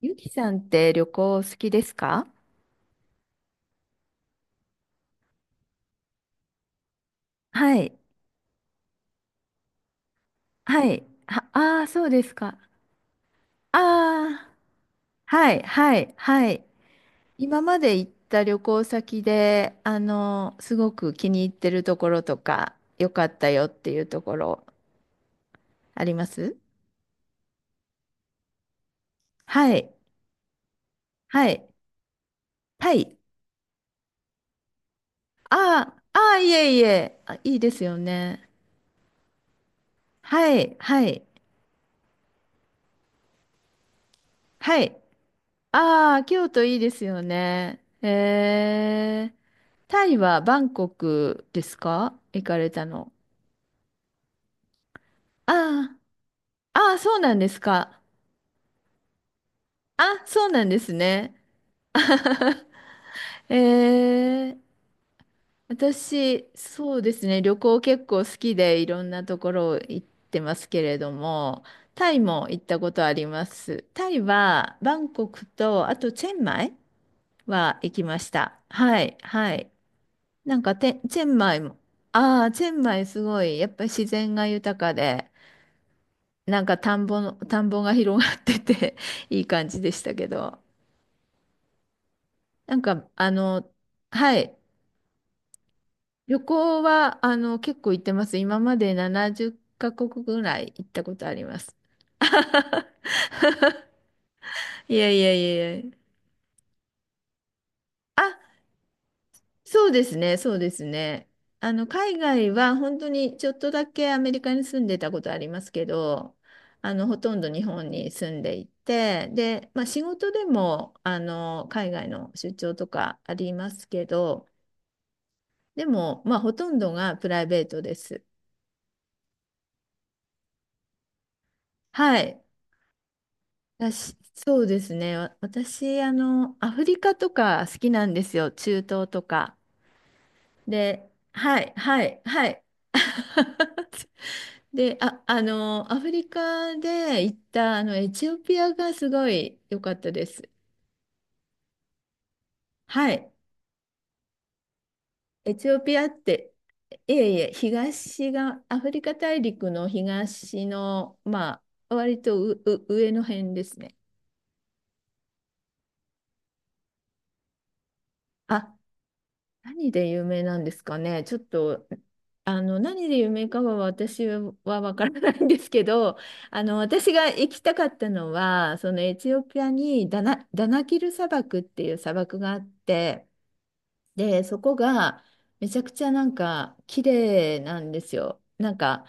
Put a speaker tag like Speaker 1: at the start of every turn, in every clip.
Speaker 1: ゆきさんって旅行好きですか？はい。はい。は、ああ、そうですか。ああ、はい、はい、はい。今まで行った旅行先で、すごく気に入ってるところとか、良かったよっていうところ、あります？はい、はい、タイ。ああ、ああ、いえいえ、あ、いいですよね。はい、はい、はい。ああ、京都いいですよね。へえ。タイはバンコクですか行かれたの？ああ、ああ、そうなんですか。あ、そうなんですね。ええ。私、そうですね。旅行結構好きでいろんなところ行ってますけれども、タイも行ったことあります。タイはバンコクと、あとチェンマイは行きました。はい、はい。なんかて、チェンマイも、ああ、チェンマイすごい、やっぱり自然が豊かで、田んぼが広がってて いい感じでしたけど、なんか、はい、旅行は、結構行ってます。今まで70カ国ぐらい行ったことあります。いやいやいやいや。そうですね、そうですね。海外は本当にちょっとだけアメリカに住んでたことありますけど、あの、ほとんど日本に住んでいて、で、まあ、仕事でも、海外の出張とかありますけど、でも、まあ、ほとんどがプライベートです。はい。私、そうですね。アフリカとか好きなんですよ。中東とか。で、はい、はい、はい。で、アフリカで行った、エチオピアがすごい良かったです。はい。エチオピアって、いえいえ、東が、アフリカ大陸の東の、割と上の辺ですね。あ、何で有名なんですかね。ちょっと、何で有名かは私はわからないんですけど、私が行きたかったのは、そのエチオピアにダナキル砂漠っていう砂漠があって、で、そこがめちゃくちゃなんか綺麗なんですよ。なんか、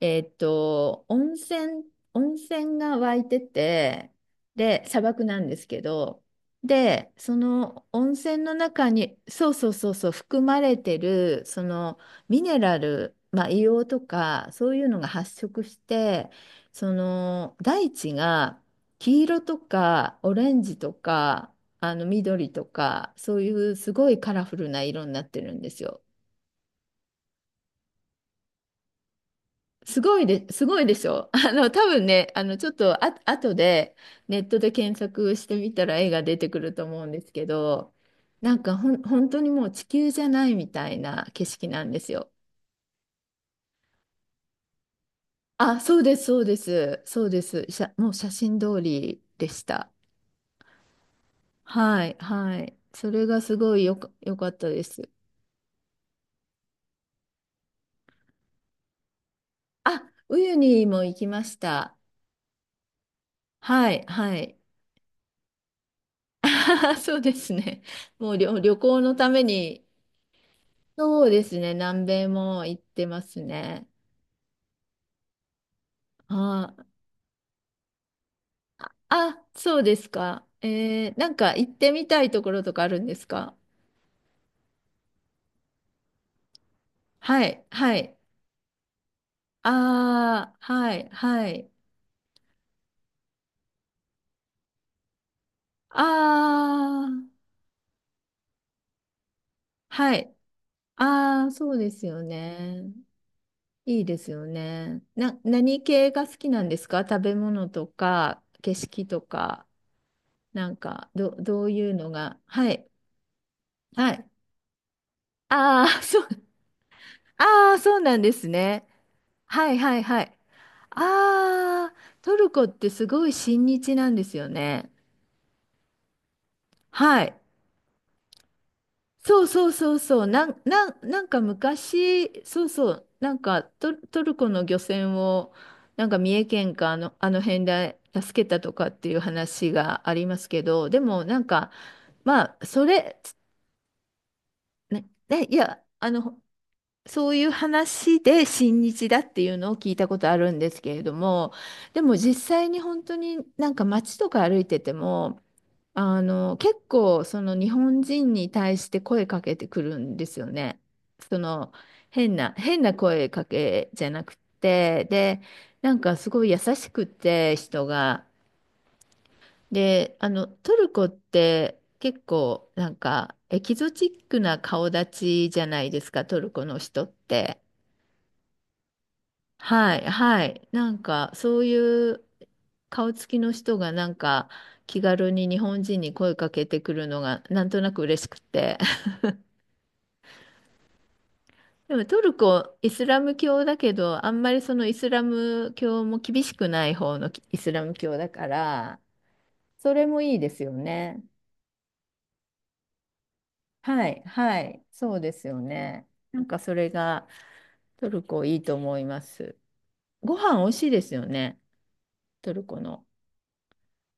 Speaker 1: えーっと、温泉、温泉が湧いてて、で、砂漠なんですけど、で、その温泉の中に、そうそうそうそう、含まれてる、そのミネラル、まあ、硫黄とか、そういうのが発色して、その大地が黄色とかオレンジとか、あの緑とかそういうすごいカラフルな色になってるんですよ。すごいでしょ？ あの、多分ね、あの、ちょっとあ、後でネットで検索してみたら絵が出てくると思うんですけど、なんかほん、本当にもう地球じゃないみたいな景色なんですよ。あ、そうです、そうです、そうです。もう写真通りでした。はい、はい。それがすごいよかったです。あ、ウユニも行きました。はい、はい。そうですね。もう旅行のために、そうですね。南米も行ってますね。あーあ、そうですか。えー、なんか行ってみたいところとかあるんですか？はい、はい。ああ、はい、はい。ああ、はい。ああ、そうですよね。いいですよね。何系が好きなんですか？食べ物とか、景色とか、なんか、どういうのが。はい。はい。ああ、そう、ああ、そうなんですね。はいはいはい。ああ、トルコってすごい親日なんですよね。はい。そうそうそうそう。なんか昔、そうそう。なんかトルコの漁船を、なんか三重県かあの辺で助けたとかっていう話がありますけど、でもなんか、まあ、それ、ね、ね、いや、そういう話で親日だっていうのを聞いたことあるんですけれども、でも実際に本当になんか街とか歩いてても、結構その日本人に対して声かけてくるんですよね。その変な声かけじゃなくて、で、なんかすごい優しくて人が。で、トルコって結構なんかエキゾチックな顔立ちじゃないですか、トルコの人って。はい、はい。なんか、そういう顔つきの人が、なんか、気軽に日本人に声かけてくるのが、なんとなく嬉しくて。でも、トルコ、イスラム教だけど、あんまりそのイスラム教も厳しくない方のイスラム教だから、それもいいですよね。はい、はい。そうですよね。なんか、それが、トルコいいと思います。ご飯美味しいですよね、トルコの。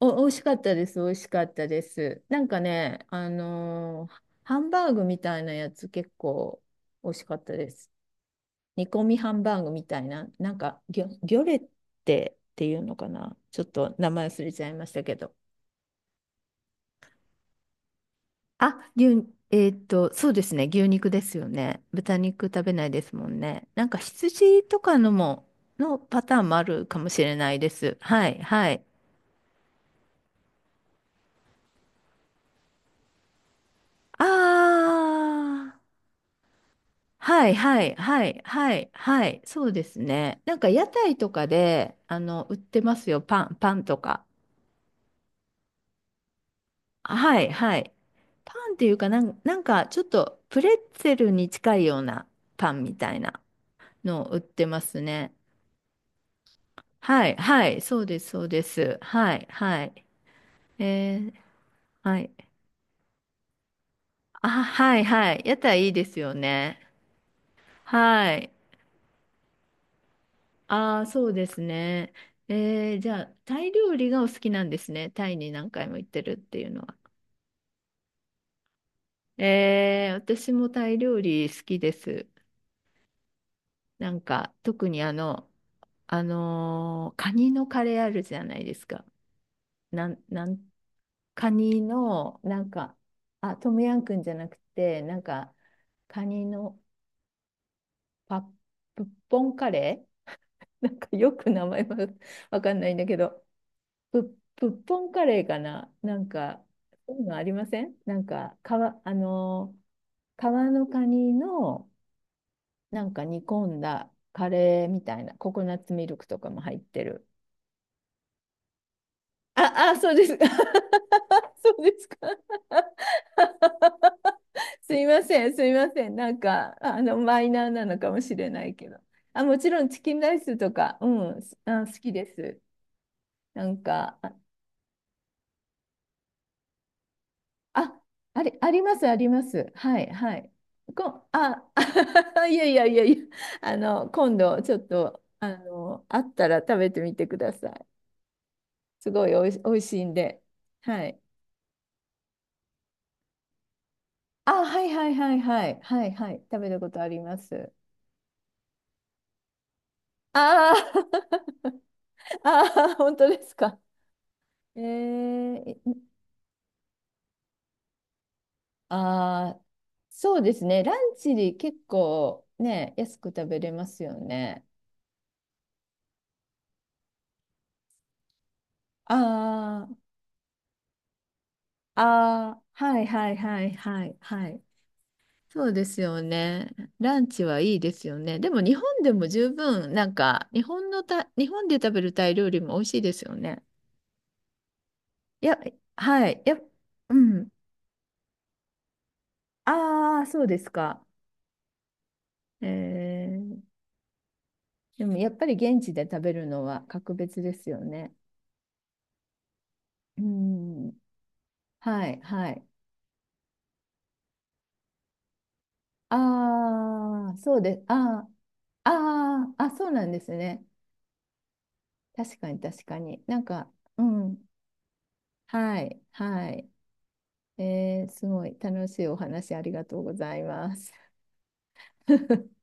Speaker 1: お、美味しかったです。美味しかったです。なんかね、あのーハンバーグみたいなやつ結構美味しかったです。煮込みハンバーグみたいな、なんかギョレッテっていうのかな。ちょっと名前忘れちゃいましたけど。あ、牛、えーっと、そうですね。牛肉ですよね。豚肉食べないですもんね。なんか羊とかのも、のパターンもあるかもしれないです。はい、はい。あー。はいはいはいはいはい、そうですね。なんか屋台とかで、売ってますよ、パンとか。はいはい。パンっていうかなんかちょっとプレッツェルに近いようなパンみたいなのを売ってますね。はいはいそうですそうですはいはい。えー、はい。あはいはい屋台いいですよね。はい。ああ、そうですね。えー、じゃあ、タイ料理がお好きなんですね。タイに何回も行ってるっていうのは。えー、私もタイ料理好きです。なんか、特にあの、あのーカニのカレーあるじゃないですか。なん、なん、カニの、なんか、あ、トムヤンクンじゃなくて、なんか、カニのパップッポンカレー なんかよく名前は わかんないんだけど。ぶっぽんカレーかななんか、そういうのありません？なんか、皮、あの皮のカニの、なんか煮込んだカレーみたいな、ココナッツミルクとかも入ってる。あ、あ、そうです。そうですか。すいません、すいません。なんか、マイナーなのかもしれないけど。あ、もちろんチキンライスとか、うん、好きです。なんか、あ、あります、あります。はい、はい。こ、あ、いやいやいやいや、今度、ちょっと、あったら食べてみてください。すごいおいしいんで。はい。あ、はいはいはいはい。はいはい。食べたことあります。ああ、ああ、本当ですか。えー、ああ、そうですね。ランチに結構ね、安く食べれますよね。ああ、ああ、はいはいはいはいはい。そうですよね。ランチはいいですよね。でも日本でも十分、なんか、日本で食べるタイ料理も美味しいですよね。いや、はい。やっ、うん。ああ、そうですか。えー、でもやっぱり現地で食べるのは格別ですよね。うん。はいはい。ああ、そうです。ああ、ああ、あ、そうなんですね。確かに確かに。なんか、うん。はい、はい。えーすごい楽しいお話ありがとうございます。